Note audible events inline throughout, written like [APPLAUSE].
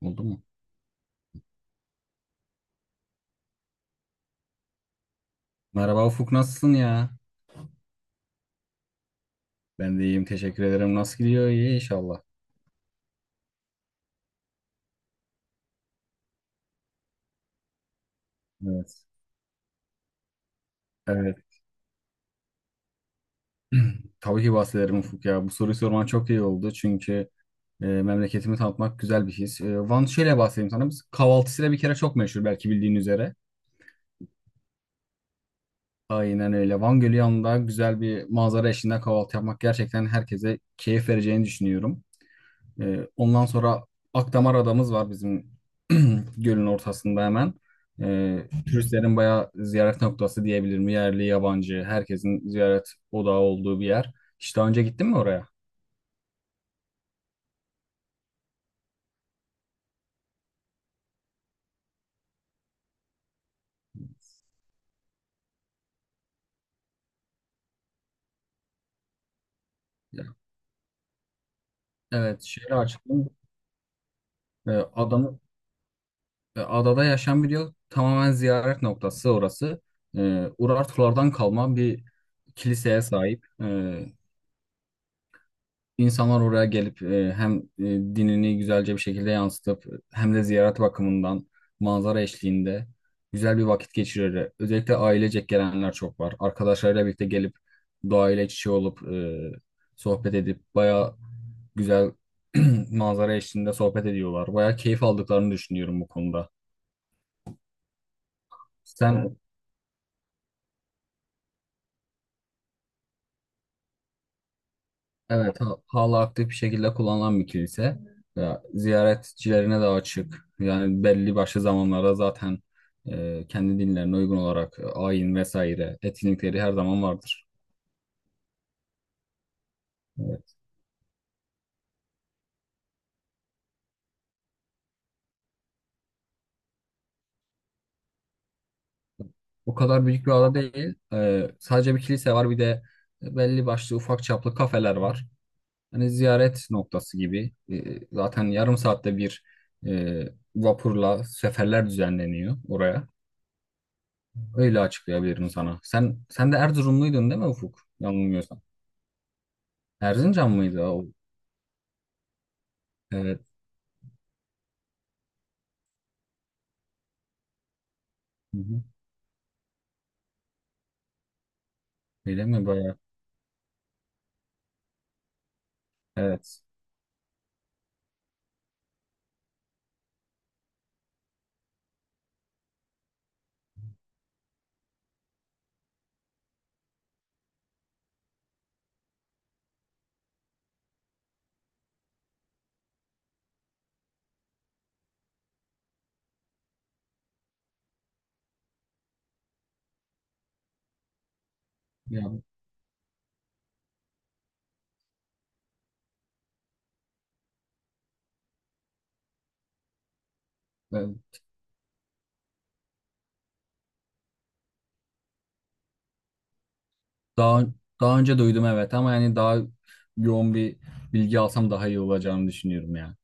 Oldu mu? Merhaba Ufuk, nasılsın ya? Ben de iyiyim, teşekkür ederim. Nasıl gidiyor? İyi inşallah. Evet. Evet. Tabii ki bahsederim Ufuk ya. Bu soruyu sorman çok iyi oldu. Çünkü memleketimi tanıtmak güzel bir his. Van, şöyle bahsedeyim sana. Biz kahvaltısıyla bir kere çok meşhur, belki bildiğin üzere. Aynen öyle. Van Gölü yanında güzel bir manzara eşliğinde kahvaltı yapmak gerçekten herkese keyif vereceğini düşünüyorum. Ondan sonra Akdamar adamız var bizim [CLEARS THROAT] gölün ortasında hemen. Turistlerin bayağı ziyaret noktası diyebilirim. Yerli, yabancı, herkesin ziyaret odağı olduğu bir yer. Hiç daha önce gittin mi oraya? Ya. Evet, şehri açtım. Adamı, adada yaşayan bir tamamen ziyaret noktası orası. Urartulardan kalma bir kiliseye sahip. İnsanlar oraya gelip hem dinini güzelce bir şekilde yansıtıp hem de ziyaret bakımından manzara eşliğinde güzel bir vakit geçirirler. Özellikle ailecek gelenler çok var. Arkadaşlarıyla birlikte gelip doğayla iç içe olup sohbet edip bayağı güzel [CLEARS THROAT] manzara eşliğinde sohbet ediyorlar. Bayağı keyif aldıklarını düşünüyorum bu konuda. Sen. Evet. Evet, hala aktif bir şekilde kullanılan bir kilise. Ya, ziyaretçilerine de açık. Yani belli başlı zamanlarda zaten kendi dinlerine uygun olarak ayin vesaire etkinlikleri her zaman vardır. Evet. O kadar büyük bir ada değil. Sadece bir kilise var, bir de belli başlı ufak çaplı kafeler var. Hani ziyaret noktası gibi. Zaten yarım saatte bir e, vapurla seferler düzenleniyor oraya. Öyle açıklayabilirim sana. Sen de Erzurumluydun değil mi Ufuk? Yanılmıyorsam. Erzincan mıydı o? Evet. Hı hı. Öyle mi, bayağı? Evet. Ya, ben daha daha önce duydum evet, ama yani daha yoğun bir bilgi alsam daha iyi olacağını düşünüyorum ya.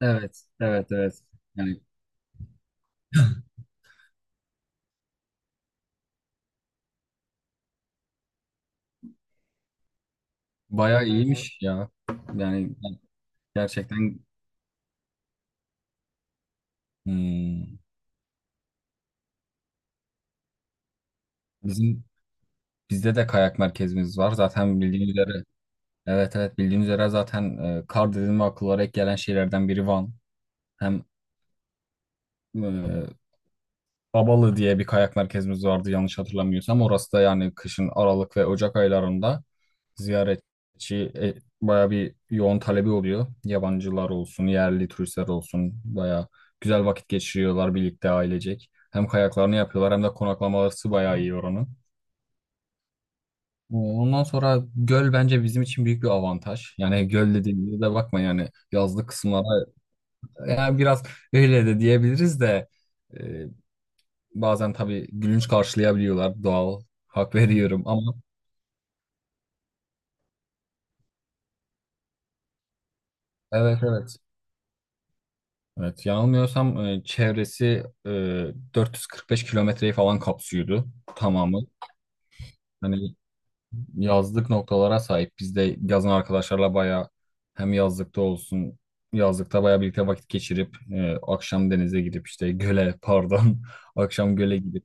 Evet, evet, evet. Yani bayağı iyiymiş ya. Yani gerçekten. Hmm, bizim bizde de kayak merkezimiz var. Zaten bildiğiniz üzere, evet evet, bildiğiniz üzere zaten kar dediğim ve akıllara ilk gelen şeylerden biri Van. Hem e, Babalı diye bir kayak merkezimiz vardı yanlış hatırlamıyorsam. Orası da yani kışın Aralık ve Ocak aylarında ziyaretçi baya bir yoğun talebi oluyor. Yabancılar olsun, yerli turistler olsun baya güzel vakit geçiriyorlar birlikte ailecek. Hem kayaklarını yapıyorlar hem de konaklamaları bayağı iyi oranın. Ondan sonra göl bence bizim için büyük bir avantaj. Yani göl dediğimizde de bakma yani yazlık kısımlara, yani biraz öyle de diyebiliriz de e, bazen tabii gülünç karşılayabiliyorlar. Doğal. Hak [LAUGHS] veriyorum ama. Evet evet. Evet, yanılmıyorsam çevresi 445 kilometreyi falan kapsıyordu tamamı. Hani yazlık noktalara sahip. Biz de yazın arkadaşlarla bayağı hem yazlıkta olsun, yazlıkta bayağı birlikte vakit geçirip akşam denize gidip, işte göle pardon [LAUGHS] akşam göle gidip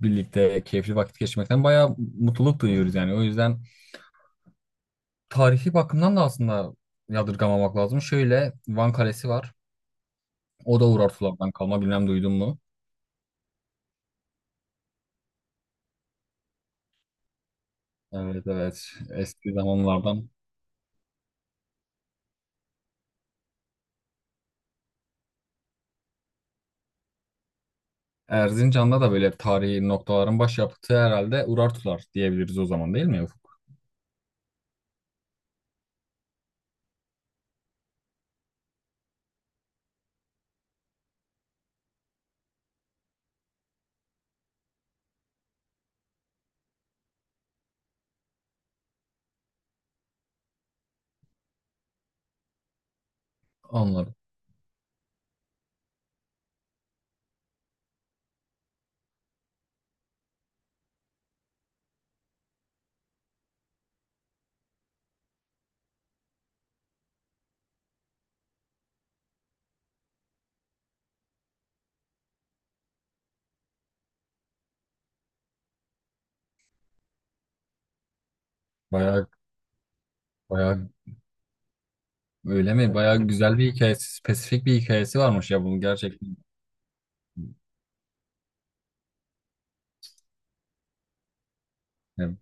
birlikte keyifli vakit geçirmekten bayağı mutluluk duyuyoruz yani. O yüzden tarihi bakımdan da aslında yadırgamamak lazım. Şöyle, Van Kalesi var. O da Uğur Artular'dan kalma. Bilmem duydun mu? Evet evet. Eski zamanlardan. Erzincan'da da böyle tarihi noktaların başyapıtı herhalde Uğur Artular diyebiliriz o zaman, değil mi Ufuk? Anladım. Bayağı bayağı, öyle mi? Bayağı güzel bir hikayesi, spesifik bir hikayesi varmış ya bunun gerçekten. Evet.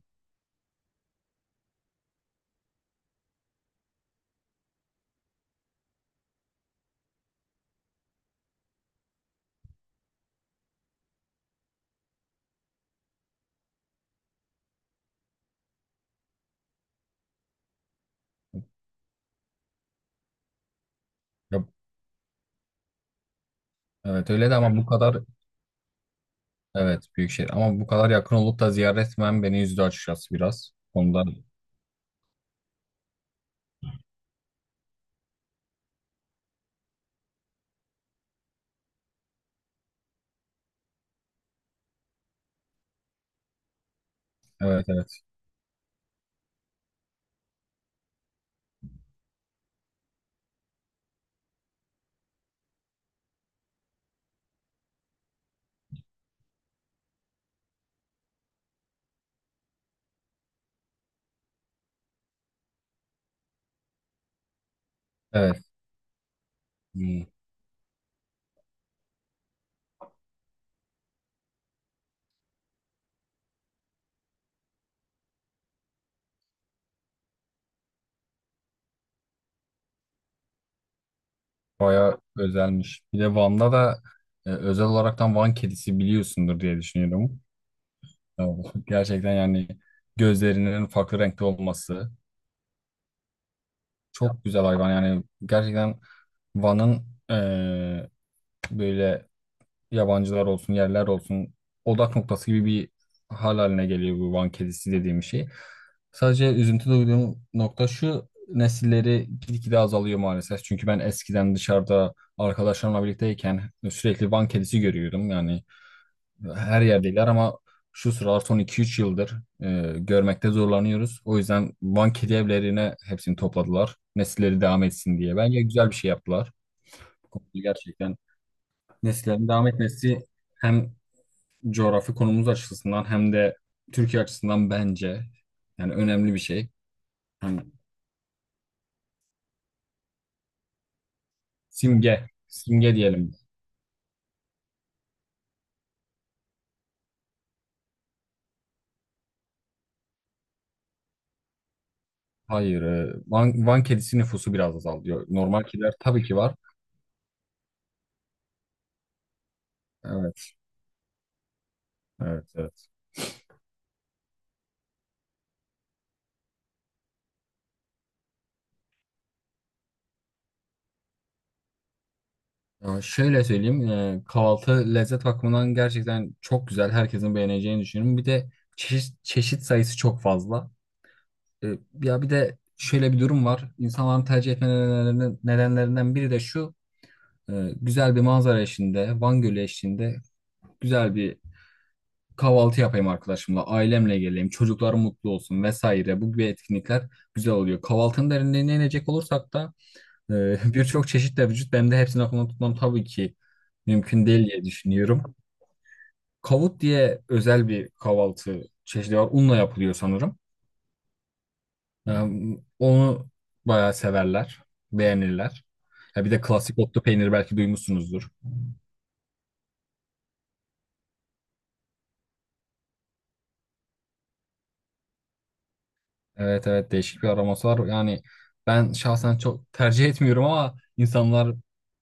Ya- evet, öyle de ama bu kadar evet büyük şehir, ama bu kadar yakın olup da ziyaret etmem beni üzdü açıkçası biraz. Ondan. Evet evet. Evet. Hmm. Bayağı özelmiş. Bir de Van'da da özel olaraktan Van kedisi biliyorsundur diye düşünüyorum. E, [LAUGHS] Gerçekten yani gözlerinin farklı renkte olması çok güzel hayvan. Yani gerçekten Van'ın böyle yabancılar olsun, yerler olsun odak noktası gibi bir hal haline geliyor bu Van kedisi dediğim şey. Sadece üzüntü duyduğum nokta şu: nesilleri gitgide azalıyor maalesef. Çünkü ben eskiden dışarıda arkadaşlarımla birlikteyken sürekli Van kedisi görüyordum. Yani her yerdeler, ama şu sıralar son 2-3 yıldır görmekte zorlanıyoruz. O yüzden Van kedi evlerine hepsini topladılar. Nesilleri devam etsin diye. Bence güzel bir şey yaptılar. Bu konuda gerçekten nesillerin devam etmesi hem coğrafi konumuz açısından hem de Türkiye açısından bence yani önemli bir şey. Hani simge, simge diyelim. Hayır, Van, kedisi nüfusu biraz azalıyor. Normal kediler tabii ki var. Evet, evet, evet. Ya şöyle söyleyeyim, kahvaltı lezzet bakımından gerçekten çok güzel. Herkesin beğeneceğini düşünüyorum. Bir de çeşit sayısı çok fazla. E, ya bir de şöyle bir durum var. İnsanların tercih etme nedenlerinden biri de şu. E, güzel bir manzara eşliğinde, Van Gölü eşliğinde güzel bir kahvaltı yapayım, arkadaşımla, ailemle geleyim, çocuklar mutlu olsun vesaire. Bu gibi etkinlikler güzel oluyor. Kahvaltının derinliğine inecek olursak da [LAUGHS] birçok çeşit de vücut. Benim de hepsini aklımda tutmam tabii ki mümkün değil diye düşünüyorum. Kavut diye özel bir kahvaltı çeşidi var. Unla yapılıyor sanırım. E, onu bayağı severler, beğenirler. Ya bir de klasik otlu peynir, belki duymuşsunuzdur. Evet evet, değişik bir aroması var. Yani ben şahsen çok tercih etmiyorum ama insanlar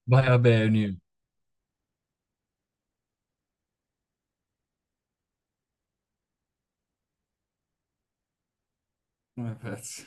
bayağı beğeniyor. Evet.